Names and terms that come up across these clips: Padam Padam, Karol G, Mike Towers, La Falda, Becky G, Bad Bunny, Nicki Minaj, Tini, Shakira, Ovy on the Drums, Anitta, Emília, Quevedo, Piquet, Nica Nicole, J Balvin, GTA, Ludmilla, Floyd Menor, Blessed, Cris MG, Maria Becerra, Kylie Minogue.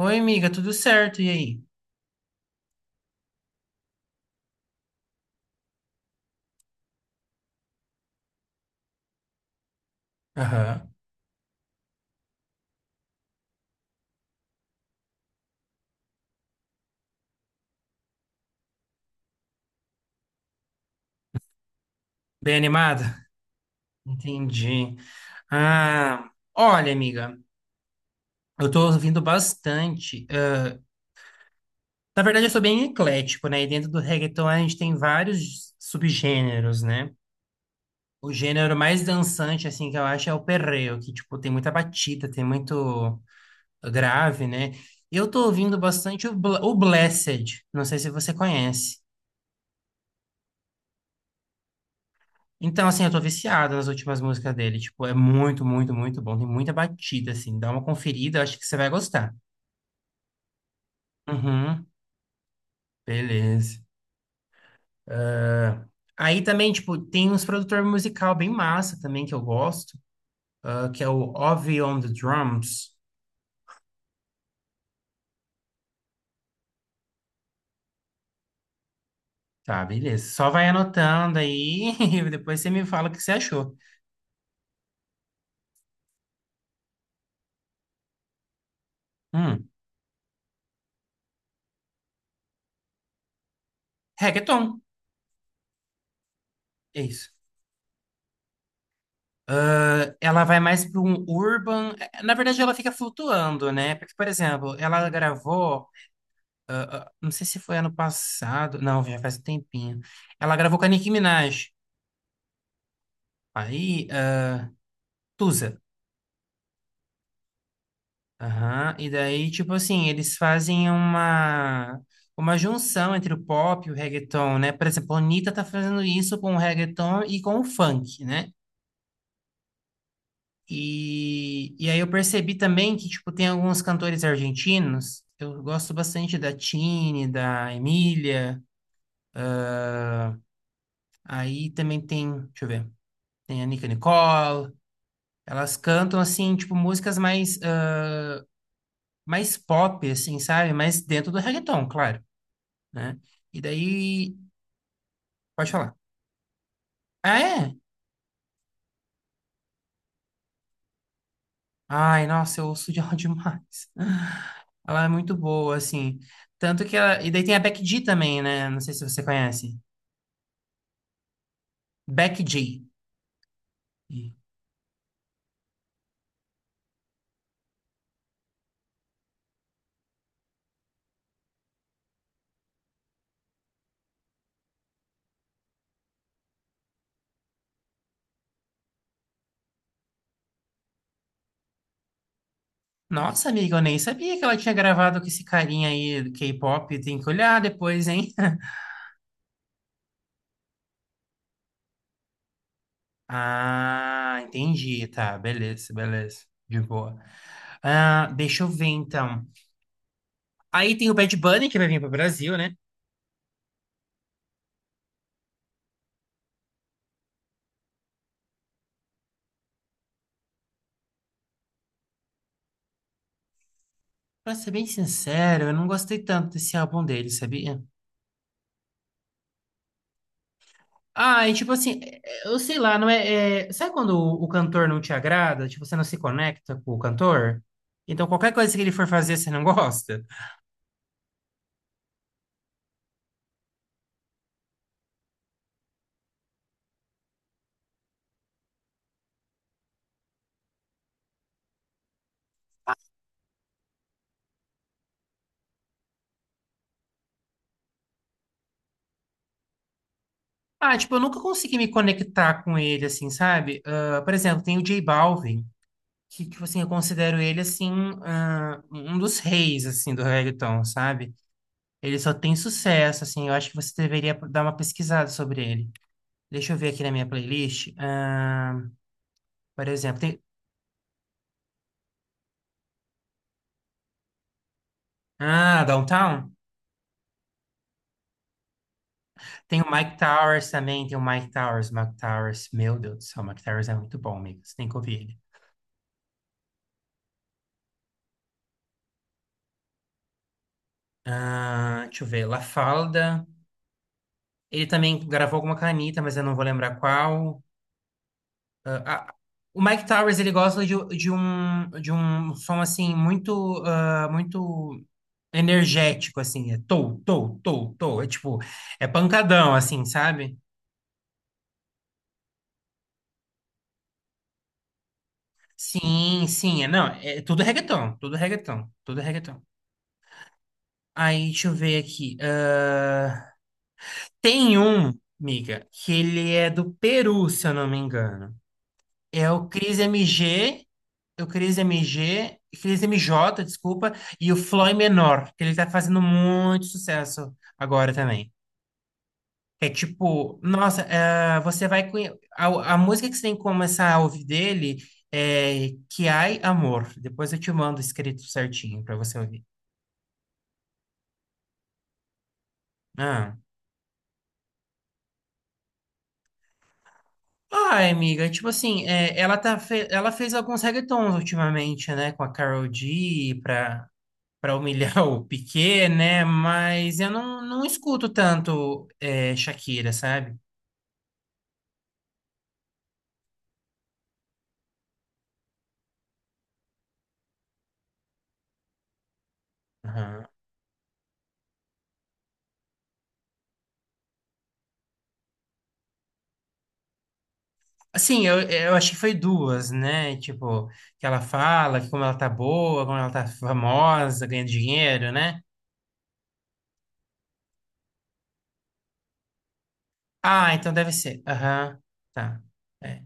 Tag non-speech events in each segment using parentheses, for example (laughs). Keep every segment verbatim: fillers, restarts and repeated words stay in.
Oi, amiga, tudo certo? E aí? Aham. Bem animada? Entendi. Ah, Olha, amiga, eu tô ouvindo bastante. Ah, na verdade, eu sou bem eclético, né? E dentro do reggaeton a gente tem vários subgêneros, né? O gênero mais dançante, assim, que eu acho é o perreo, que, tipo, tem muita batida, tem muito grave, né? Eu tô ouvindo bastante o, Bl- o Blessed, não sei se você conhece. Então, assim, eu tô viciado nas últimas músicas dele. Tipo, é muito, muito, muito bom. Tem muita batida, assim. Dá uma conferida, eu acho que você vai gostar. Uhum, beleza. Ah, Aí também, tipo, tem uns produtor musical bem massa também que eu gosto, ah, que é o Ovy on the Drums. Tá, beleza. Só vai anotando aí (laughs) e depois você me fala o que você achou. Hum, reggaeton, é isso. Ah, ela vai mais para um urban. eh, Na verdade, ela fica flutuando, né? Porque, por exemplo, ela gravou. Não sei se foi ano passado. Não, já faz um tempinho. Ela gravou com a Nicki Minaj. Aí, eh, Tusa. Aham. E daí, tipo assim, eles fazem uma, uma junção entre o pop e o reggaeton, né? Por exemplo, a Anitta tá fazendo isso com o reggaeton e com o funk, né? E, e aí eu percebi também que, tipo, tem alguns cantores argentinos. Eu gosto bastante da Tini, da Emília. Aí também tem, deixa eu ver, tem a Nica Nicole. Elas cantam, assim, tipo, músicas mais, ah, mais pop, assim, sabe? Mas dentro do reggaeton, claro, né? E daí... Pode falar. Ah, é? Ai, nossa, eu ouço de ela (laughs) demais. Ela é muito boa, assim. Tanto que ela... E daí tem a Becky G também, né? Não sei se você conhece. Becky G. Nossa, amiga, eu nem sabia que ela tinha gravado com esse carinha aí do K-pop. Tem que olhar depois, hein? (laughs) Ah, entendi. Tá, beleza, beleza. De boa. Ah, deixa eu ver então. Aí tem o Bad Bunny que vai vir pro Brasil, né? Pra ser bem sincero, eu não gostei tanto desse álbum dele, sabia? Ah, e tipo assim, é- é- eu sei lá, não é, é- sabe quando o, o cantor não te agrada? Tipo, você não se conecta com o cantor? Então qualquer coisa que ele for fazer, você não gosta? Ah, tipo, eu nunca consegui me conectar com ele, assim, sabe? Ah, por exemplo, tem o J Balvin. Que, tipo assim, eu considero ele, assim, ah, um dos reis, assim, do reggaeton, sabe? Ele só tem sucesso, assim, eu acho que você deveria dar uma pesquisada sobre ele. Deixa eu ver aqui na minha playlist. Ah, por exemplo, tem... Ah, Downtown? Tem o Mike Towers também, tem o Mike Towers, Mike Towers, meu Deus do céu, o Mike Towers é muito bom, amigo, você tem que ouvir ele. Ah, deixa eu ver, La Falda. Ele também gravou alguma canita, mas eu não vou lembrar qual. Ah, ah, o Mike Towers, ele gosta de, de um, de um som, assim, muito, ah, muito energético, assim. É tou, tou, tou, tou. É tipo, é pancadão, assim, sabe? Sim, sim. É, não, é tudo reggaeton, tudo reggaeton, tudo reggaeton. Aí, deixa eu ver aqui. Ah, tem um, miga, que ele é do Peru, se eu não me engano. É o Cris M G, o Cris M G, Cris M J, desculpa, e o Floyd Menor, que ele tá fazendo muito sucesso agora também. É tipo, nossa, é, você vai conhe- a, a música que você tem que começar a ouvir dele é Que Ai Amor. Depois eu te mando escrito certinho pra você ouvir. Ah. Ai, amiga, tipo assim, é, ela tá fe- ela fez alguns reggaetons ultimamente, né, com a Karol G, pra para humilhar (laughs) o Piquet, né? Mas eu não, não escuto tanto é, Shakira, sabe? Aham. Assim, eu, eu acho que foi duas, né? Tipo, que ela fala que como ela tá boa, como ela tá famosa, ganha dinheiro, né? Ah, então deve ser. Aham, tá. É.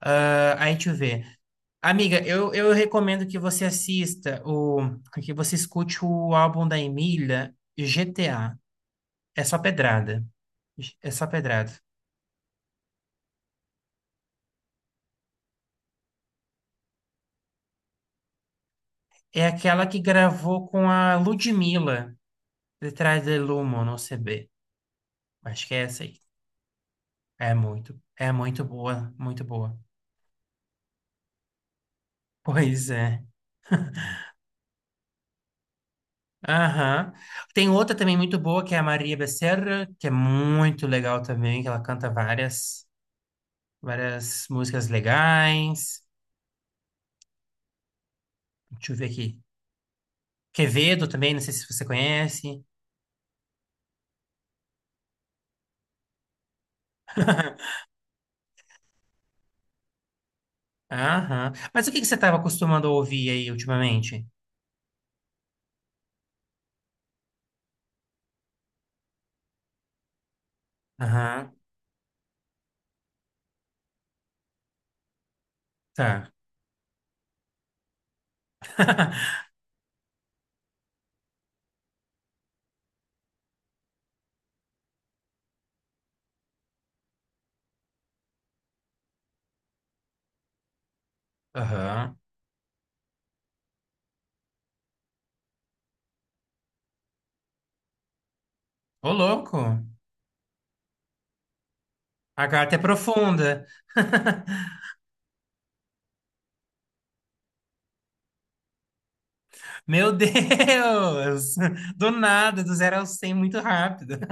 Ah, aí deixa eu ver. Amiga, eu, eu recomendo que você assista o, que você escute o álbum da Emília, G T A. É só pedrada. É só pedrada. É aquela que gravou com a Ludmilla, Detrás de Lumo, não sei bem. Acho que é essa aí. É muito, é muito boa, muito boa. Pois é. Aham. Tem outra também muito boa, que é a Maria Becerra, que é muito legal também, que ela canta várias, várias músicas legais. Deixa eu ver aqui. Quevedo também, não sei se você conhece. Aham. Mas o que que você estava acostumando a ouvir aí ultimamente? Aham. Tá. (laughs) Aham. Ô, louco. A carta é profunda. (laughs) Meu Deus! Do nada, do zero ao cem muito rápido. (laughs)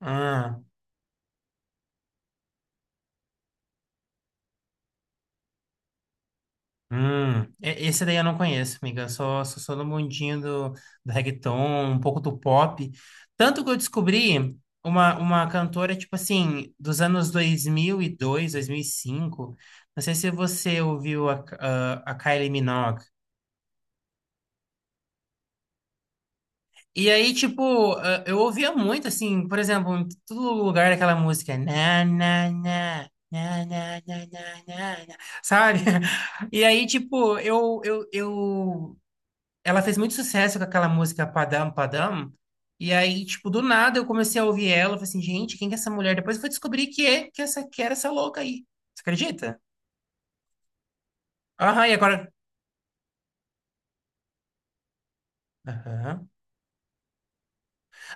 Ah, hum. E- Esse daí eu não conheço, amiga. Eu só só sou do mundinho do, do reggaeton, um pouco do pop. Tanto que eu descobri uma, uma cantora, tipo assim, dos anos dois mil e dois, dois mil mil e e cinco. Não sei se você ouviu a, a, a Kylie Minogue. E aí, tipo, eh, eu ouvia muito, assim, por exemplo, em todo lugar aquela música, na, na, na, na, na, na, na, na, na", sabe? (laughs) E aí, tipo, eu, eu, eu, ela fez muito sucesso com aquela música Padam Padam, e aí, tipo, do nada eu comecei a ouvir ela, eu falei assim, gente, quem que é essa mulher? Depois eu fui descobrir que é, que é essa, que era essa louca aí. Você acredita? Aham, e agora... Aham.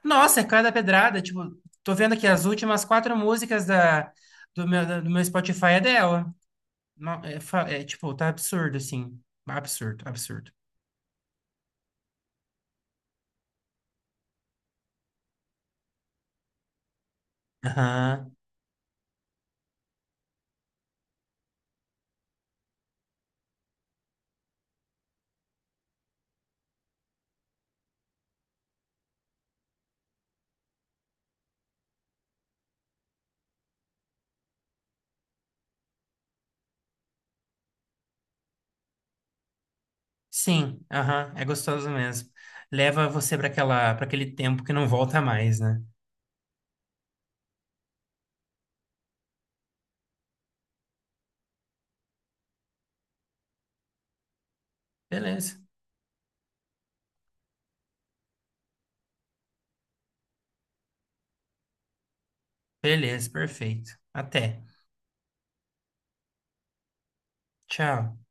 Nossa, é cada pedrada. Tipo, tô vendo aqui as últimas quatro músicas da, do meu, da- do meu Spotify é dela. Não, é, fa- é, tipo, tá absurdo, assim. Absurdo, absurdo. Aham. Sim, aham. É gostoso mesmo. Leva você para aquela, para aquele tempo que não volta mais, né? Beleza. Beleza, perfeito. Até. Tchau.